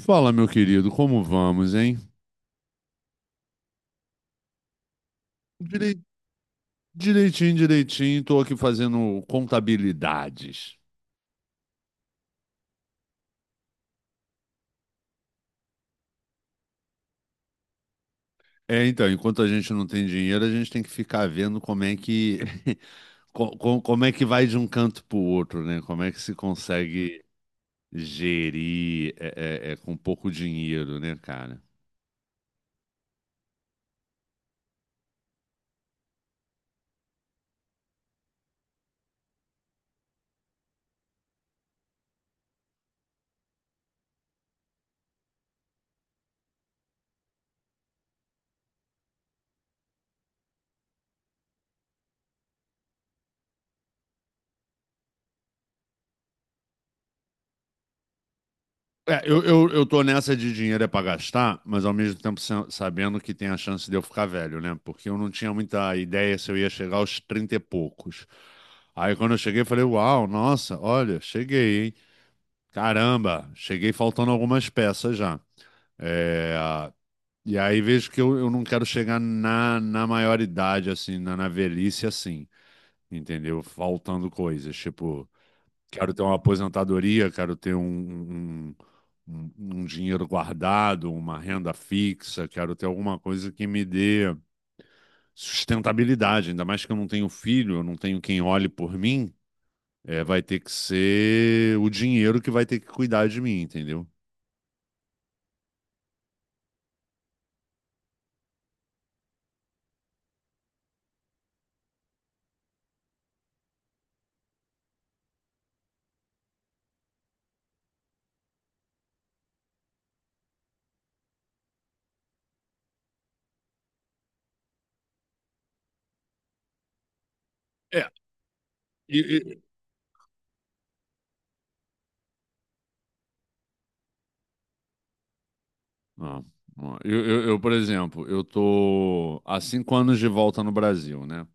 Fala, meu querido, como vamos, hein? Direi- Direitinho, direitinho, tô aqui fazendo contabilidades. É, então, enquanto a gente não tem dinheiro, a gente tem que ficar vendo como é que como é que vai de um canto para o outro, né? Como é que se consegue gerir com pouco dinheiro, né, cara? É, eu tô nessa de dinheiro é pra gastar, mas ao mesmo tempo sabendo que tem a chance de eu ficar velho, né? Porque eu não tinha muita ideia se eu ia chegar aos 30 e poucos. Aí quando eu cheguei, eu falei, uau, nossa, olha, cheguei, hein? Caramba, cheguei faltando algumas peças já. É, e aí vejo que eu não quero chegar na maioridade, assim, na velhice, assim, entendeu? Faltando coisas, tipo... Quero ter uma aposentadoria, quero ter um, um- um dinheiro guardado, uma renda fixa, quero ter alguma coisa que me dê sustentabilidade. Ainda mais que eu não tenho filho, eu não tenho quem olhe por mim. É, vai ter que ser o dinheiro que vai ter que cuidar de mim, entendeu? É, e, e- ah, eu, por exemplo, eu tô há cinco anos de volta no Brasil, né?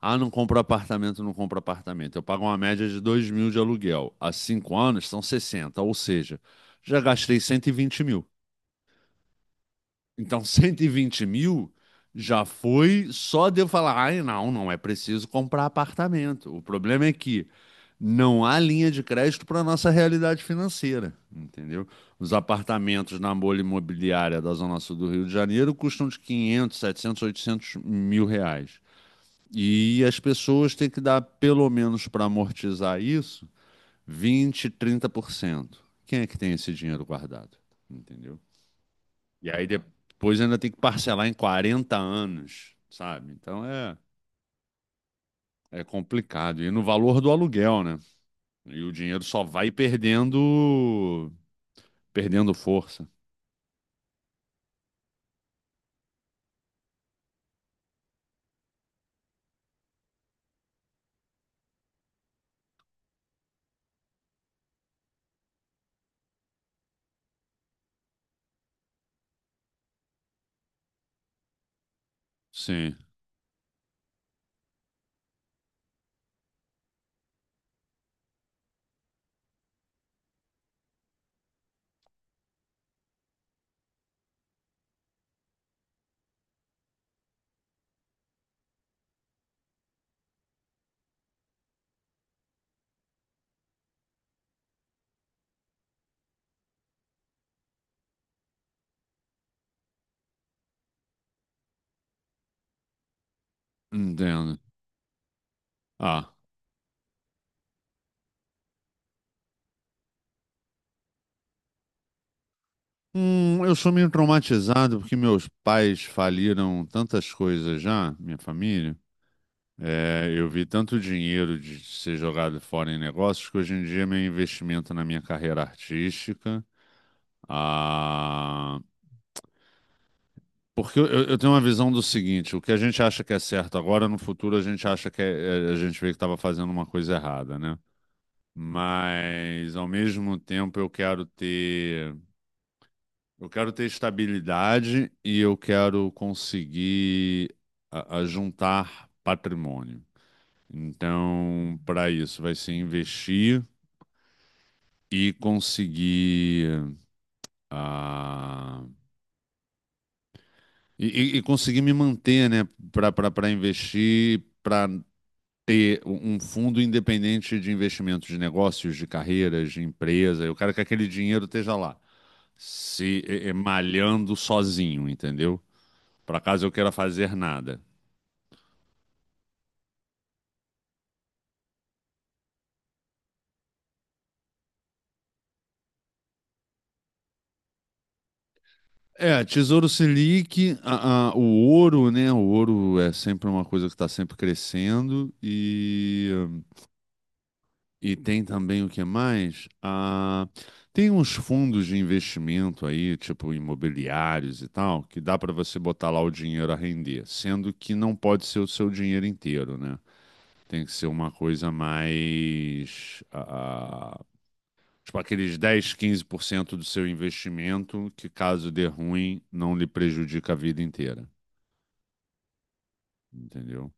Ah, não compro apartamento, não compro apartamento. Eu pago uma média de 2 mil de aluguel. Há cinco anos são 60, ou seja, já gastei 120 mil. Então, 120 mil já foi só de eu falar: ai, não, não é preciso comprar apartamento. O problema é que não há linha de crédito para a nossa realidade financeira, entendeu? Os apartamentos na bolha imobiliária da Zona Sul do Rio de Janeiro custam de 500, 700, 800 mil reais. E as pessoas têm que dar, pelo menos para amortizar isso, vinte trinta por cento. Quem é que tem esse dinheiro guardado? Entendeu? E aí depois ainda tem que parcelar em 40 anos, sabe? Então é, é complicado. E no valor do aluguel, né? E o dinheiro só vai perdendo, perdendo força. Sim, entendo. Ah. Eu sou meio traumatizado porque meus pais faliram tantas coisas já, minha família. É, eu vi tanto dinheiro de ser jogado fora em negócios que hoje em dia meu investimento na minha carreira artística. Ah, porque eu tenho uma visão do seguinte: o que a gente acha que é certo agora, no futuro a gente acha que a gente vê que estava fazendo uma coisa errada, né? Mas ao mesmo tempo eu quero ter estabilidade e eu quero conseguir a juntar patrimônio. Então, para isso, vai ser investir e conseguir ah, e conseguir me manter, né, para investir, para ter um fundo independente de investimentos de negócios, de carreiras, de empresa. Eu quero que aquele dinheiro esteja lá, se malhando sozinho, entendeu? Para caso eu queira fazer nada. É, Tesouro Selic, o ouro, né? O ouro é sempre uma coisa que está sempre crescendo. E tem também o que mais? Ah, tem uns fundos de investimento aí, tipo imobiliários e tal, que dá para você botar lá o dinheiro a render, sendo que não pode ser o seu dinheiro inteiro, né? Tem que ser uma coisa mais, ah, tipo aqueles dez quinze por cento do seu investimento, que caso dê ruim, não lhe prejudica a vida inteira, entendeu?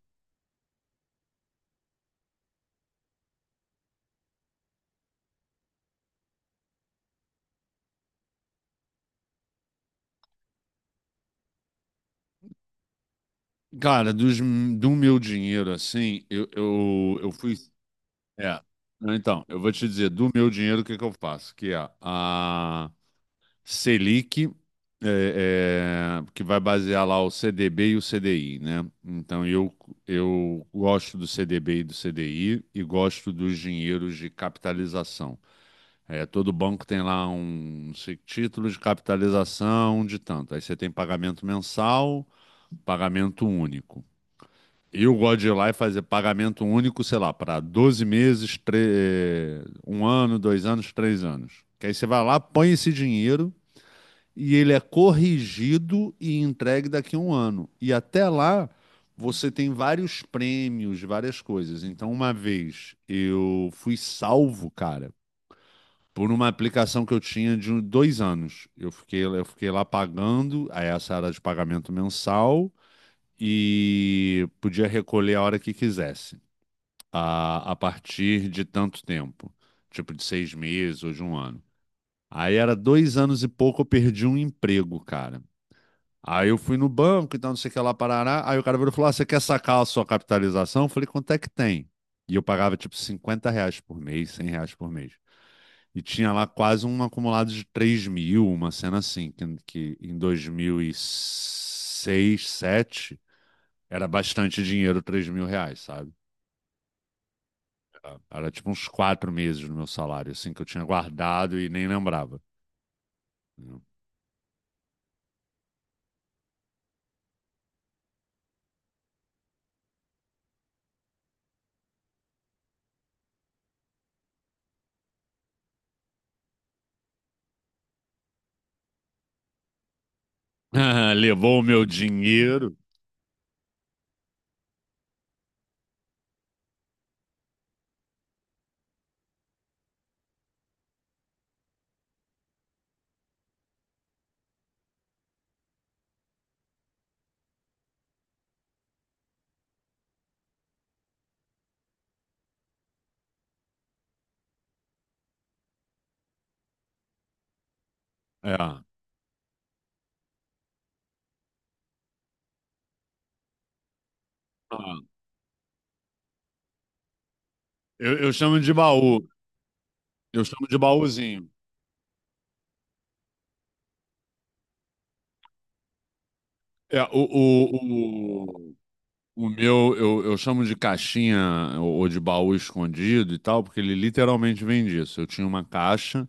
Cara, do meu dinheiro, assim, eu fui. É. Então, eu vou te dizer, do meu dinheiro, o que que eu faço? Que é a Selic, que vai basear lá o CDB e o CDI, né? Então, eu gosto do CDB e do CDI e gosto dos dinheiros de capitalização. É, todo banco tem lá um título de capitalização de tanto. Aí você tem pagamento mensal, pagamento único. E eu gosto de ir lá e fazer pagamento único, sei lá, para 12 meses, um ano, dois anos, três anos. Que aí você vai lá, põe esse dinheiro e ele é corrigido e entregue daqui a um ano. E até lá você tem vários prêmios, várias coisas. Então, uma vez eu fui salvo, cara, por uma aplicação que eu tinha de dois anos. Eu fiquei lá pagando, aí essa era de pagamento mensal e podia recolher a hora que quisesse a partir de tanto tempo, tipo de seis meses ou de um ano. Aí era dois anos e pouco, eu perdi um emprego, cara. Aí eu fui no banco e tal, não sei o que lá, parará. Aí o cara virou e falou: ah, você quer sacar a sua capitalização? Eu falei: quanto é que tem? E eu pagava tipo 50 reais por mês, 100 reais por mês. E tinha lá quase um acumulado de 3 mil, uma cena assim, que em 2006, sete era bastante dinheiro, 3 mil reais, sabe? Era tipo uns quatro meses no meu salário, assim, que eu tinha guardado e nem lembrava. Levou o meu dinheiro. É. Ah, eu chamo de baú. Eu chamo de baúzinho. É, o meu, eu chamo de caixinha ou de baú escondido e tal, porque ele literalmente vem disso. Eu tinha uma caixa.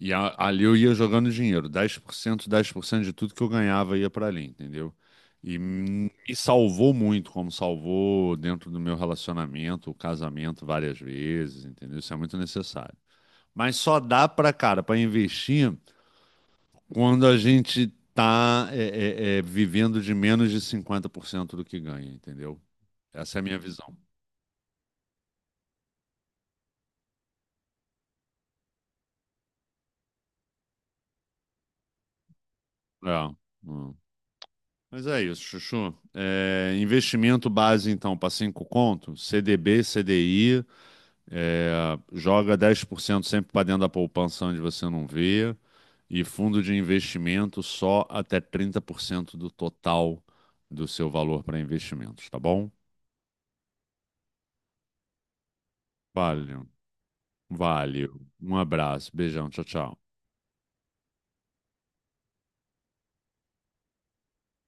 E ali eu ia jogando dinheiro, dez por cento de tudo que eu ganhava ia para ali, entendeu? E me salvou muito, como salvou dentro do meu relacionamento, o casamento várias vezes, entendeu? Isso é muito necessário. Mas só dá para, cara, para investir quando a gente tá vivendo de menos de 50% do que ganha, entendeu? Essa é a minha visão. É. Hum. Mas é isso, Chuchu. É, investimento base, então, para cinco conto, CDB, CDI. É, joga 10% sempre para dentro da poupança onde você não vê, e fundo de investimento só até 30% do total do seu valor para investimentos, tá bom? Valeu, valeu. Um abraço, beijão, tchau, tchau.